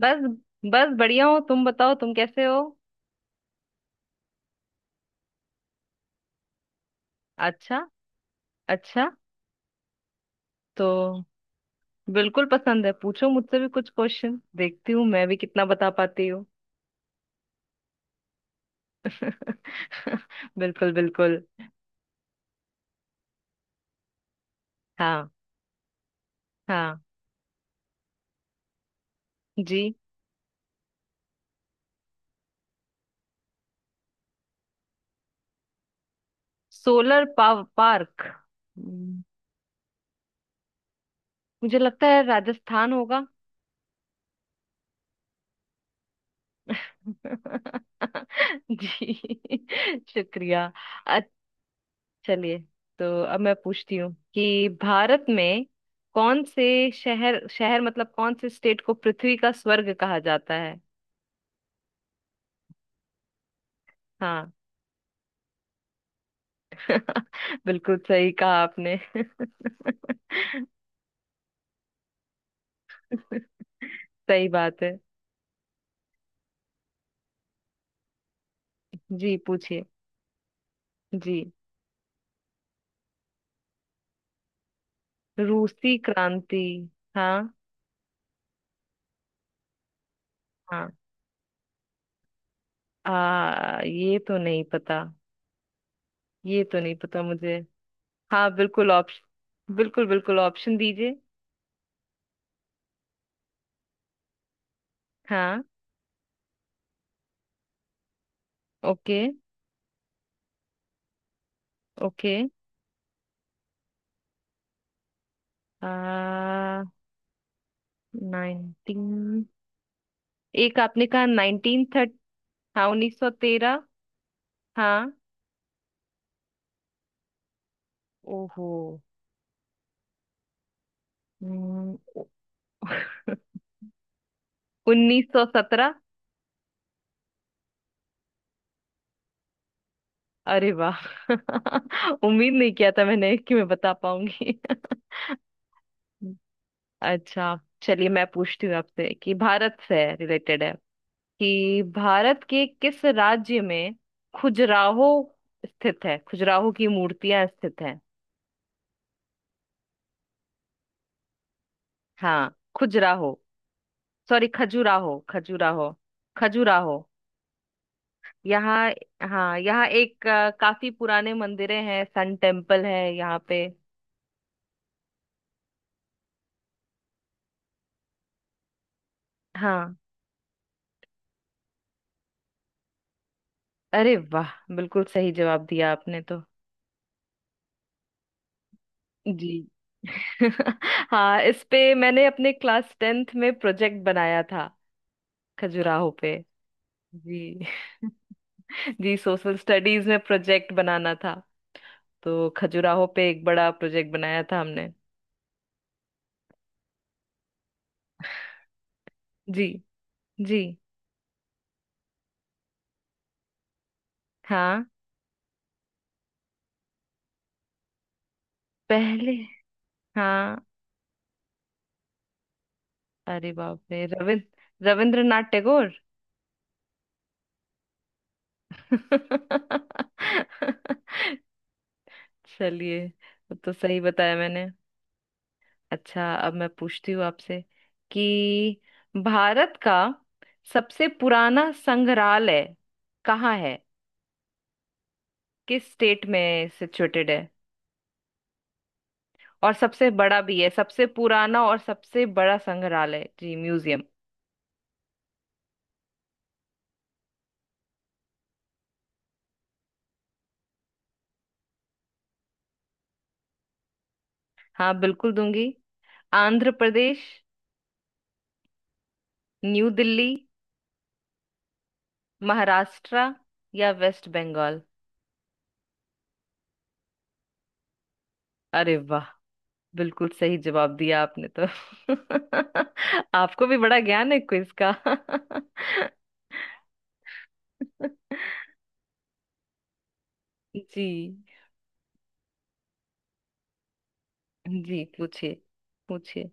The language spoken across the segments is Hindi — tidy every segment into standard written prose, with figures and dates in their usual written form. बस। बस बढ़िया हो। तुम बताओ तुम कैसे हो। अच्छा। अच्छा। तो बिल्कुल पसंद है। पूछो मुझसे भी कुछ क्वेश्चन, देखती हूँ मैं भी कितना बता पाती हूँ। बिल्कुल बिल्कुल। हाँ। हाँ। जी। Solar power park. हम्म, मुझे लगता है राजस्थान होगा। जी। शुक्रिया। चलिए, तो अब मैं पूछती हूँ कि भारत में कौन से शहर शहर मतलब कौन से स्टेट को पृथ्वी का स्वर्ग कहा जाता है? हाँ। बिल्कुल सही कहा आपने। सही बात है। जी पूछिए। जी। रूसी क्रांति। हाँ। हाँ। ये तो नहीं पता। ये तो नहीं पता मुझे। हाँ बिल्कुल ऑप्शन, बिल्कुल बिल्कुल ऑप्शन दीजिए। हाँ। ओके। ओके। आ नाइनटीन, एक आपने कहा नाइनटीन थर्ट। हाँ उन्नीस सौ तेरह। हाँ। ओहो। उन्नीस सौ सत्रह। अरे वाह। उम्मीद नहीं किया था मैंने कि मैं बता पाऊंगी। अच्छा चलिए, मैं पूछती हूँ आपसे कि भारत से रिलेटेड है, कि भारत के किस राज्य में खजुराहो स्थित है, खजुराहो की मूर्तियां स्थित हैं? हाँ। खजुराहो, सॉरी, खजुराहो, खजुराहो। खजुराहो। यहाँ। हाँ, यहाँ एक काफी पुराने मंदिरें हैं, सन टेम्पल है यहाँ पे। हाँ। अरे वाह, बिल्कुल सही जवाब दिया आपने तो। जी। हाँ, इस पे मैंने अपने क्लास टेंथ में प्रोजेक्ट बनाया था, खजुराहो पे। जी। जी सोशल स्टडीज में प्रोजेक्ट बनाना था। तो खजुराहो पे एक बड़ा प्रोजेक्ट बनाया था हमने। जी। जी। हाँ। पहले। हाँ। अरे बाप रे, रविंद्रनाथ टैगोर। चलिए, वो तो सही बताया मैंने। अच्छा, अब मैं पूछती हूँ आपसे कि भारत का सबसे पुराना संग्रहालय कहाँ है, किस स्टेट में सिचुएटेड है, और सबसे बड़ा भी है, सबसे पुराना और सबसे बड़ा संग्रहालय, जी, म्यूजियम। हाँ बिल्कुल दूंगी। आंध्र प्रदेश, न्यू दिल्ली, महाराष्ट्र, या वेस्ट बंगाल। अरे, बिल्कुल सही जवाब दिया आपने तो। आपको भी बड़ा ज्ञान है क्विज का। जी। जी पूछिए। पूछिए।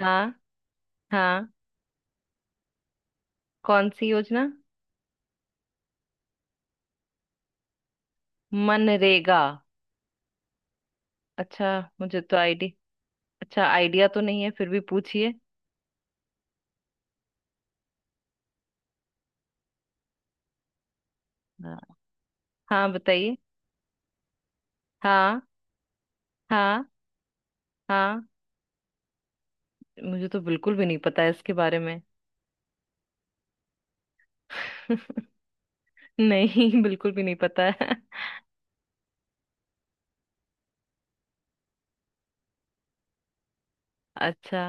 हाँ। हाँ। कौन सी योजना? मनरेगा। अच्छा। मुझे तो आईडी अच्छा, आइडिया तो नहीं है, फिर भी पूछिए। हाँ। हाँ, बताइए। हाँ। हाँ। हाँ। मुझे तो बिल्कुल भी नहीं पता है इसके बारे में। नहीं, बिल्कुल भी नहीं पता है। अच्छा।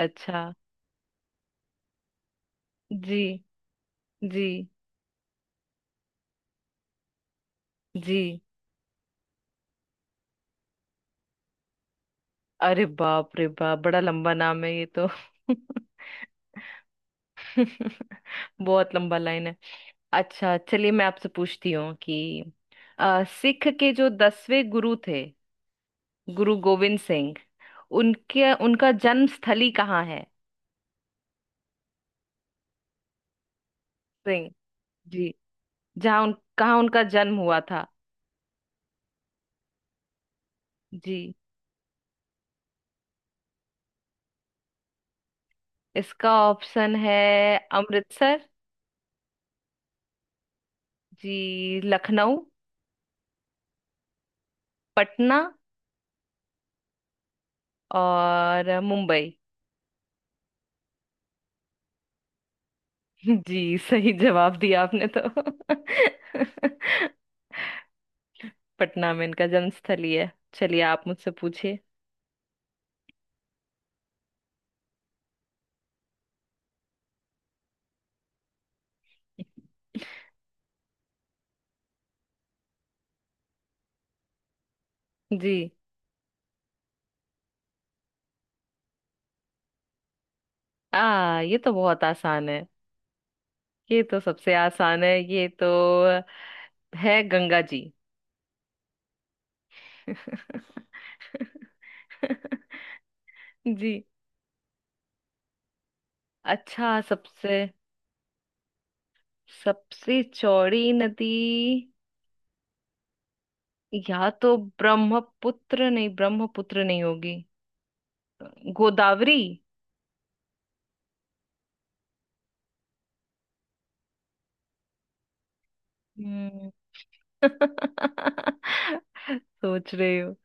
अच्छा। जी। जी। जी। अरे बाप रे बाप, बड़ा लंबा नाम है ये तो। बहुत लंबा लाइन है। अच्छा चलिए, मैं आपसे पूछती हूँ कि सिख के जो दसवें गुरु थे, गुरु गोविंद सिंह, उनके उनका जन्म स्थली कहाँ है? सिंह। जी। जहाँ उन कहाँ उनका जन्म हुआ था? जी। इसका ऑप्शन है अमृतसर, जी, लखनऊ, पटना और मुंबई। जी, सही जवाब दिया आपने तो। पटना में इनका जन्म स्थल ही है। चलिए, आप मुझसे पूछिए। जी। आ ये तो बहुत आसान है। ये तो सबसे आसान है ये तो। है गंगा जी। जी। अच्छा, सबसे सबसे चौड़ी नदी। या तो ब्रह्मपुत्र, नहीं, ब्रह्मपुत्र नहीं होगी। गोदावरी। हम्म, सोच रही हूँ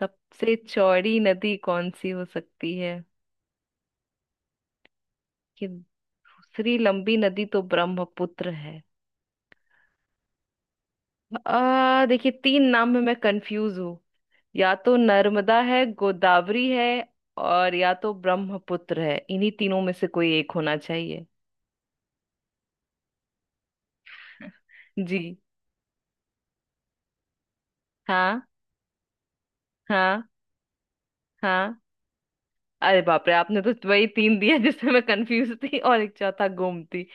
सबसे चौड़ी नदी कौन सी हो सकती है। कि दूसरी लंबी नदी तो ब्रह्मपुत्र है। आ देखिए, तीन नाम में मैं कंफ्यूज हूँ। या तो नर्मदा है, गोदावरी है, और या तो ब्रह्मपुत्र है, इन्हीं तीनों में से कोई एक होना चाहिए। जी। हाँ। हाँ। हाँ। अरे बाप रे, आपने तो वही तीन दिया जिससे मैं कंफ्यूज थी, और एक चौथा गोमती।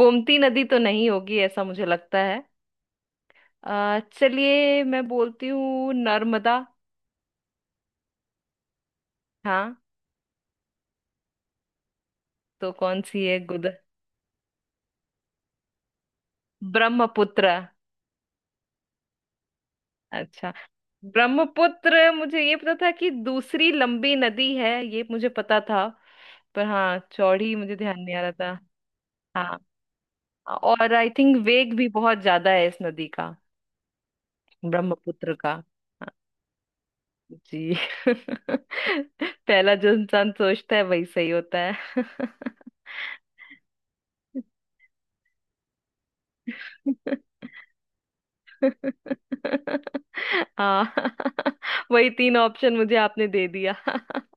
गोमती नदी तो नहीं होगी ऐसा मुझे लगता है। चलिए, मैं बोलती हूँ नर्मदा। हाँ। तो कौन सी है गुद? ब्रह्मपुत्र। अच्छा। ब्रह्मपुत्र, मुझे ये पता था कि दूसरी लंबी नदी है ये मुझे पता था। पर हाँ, चौड़ी मुझे ध्यान नहीं आ रहा था। हाँ। और आई थिंक वेग भी बहुत ज्यादा है इस नदी का, ब्रह्मपुत्र का। जी। पहला जो इंसान सोचता है वही सही होता है। हाँ। वही तीन ऑप्शन मुझे आपने दे दिया।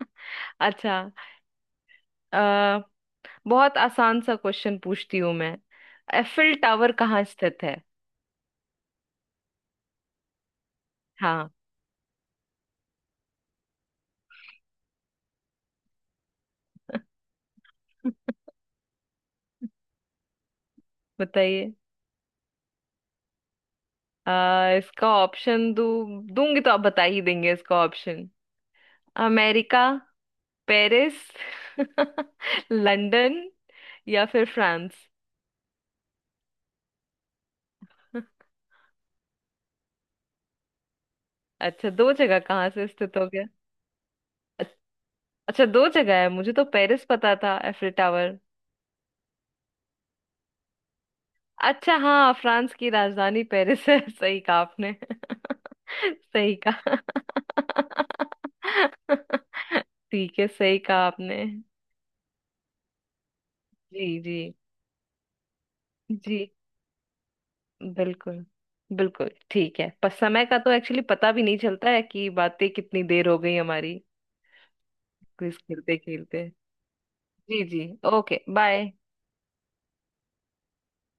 अच्छा। आ, बहुत आसान सा क्वेश्चन पूछती हूँ मैं। एफिल टावर कहाँ स्थित है? हाँ। बताइए। इसका ऑप्शन दू, दूंगी तो आप बता ही देंगे इसका ऑप्शन। अमेरिका, पेरिस, लंदन, या फिर फ्रांस। अच्छा, दो जगह कहाँ से स्थित हो गया? अच- अच्छा, दो जगह है, मुझे तो पेरिस पता था एफिल टावर। अच्छा हाँ, फ्रांस की राजधानी पेरिस है। सही कहा आपने। सही कहा। ठीक है, सही कहा आपने। जी। जी। जी। बिल्कुल। बिल्कुल ठीक है, पर समय का तो एक्चुअली पता भी नहीं चलता है कि बातें कितनी देर हो गई हमारी, क्विज खेलते खेलते। जी। जी। Okay, bye.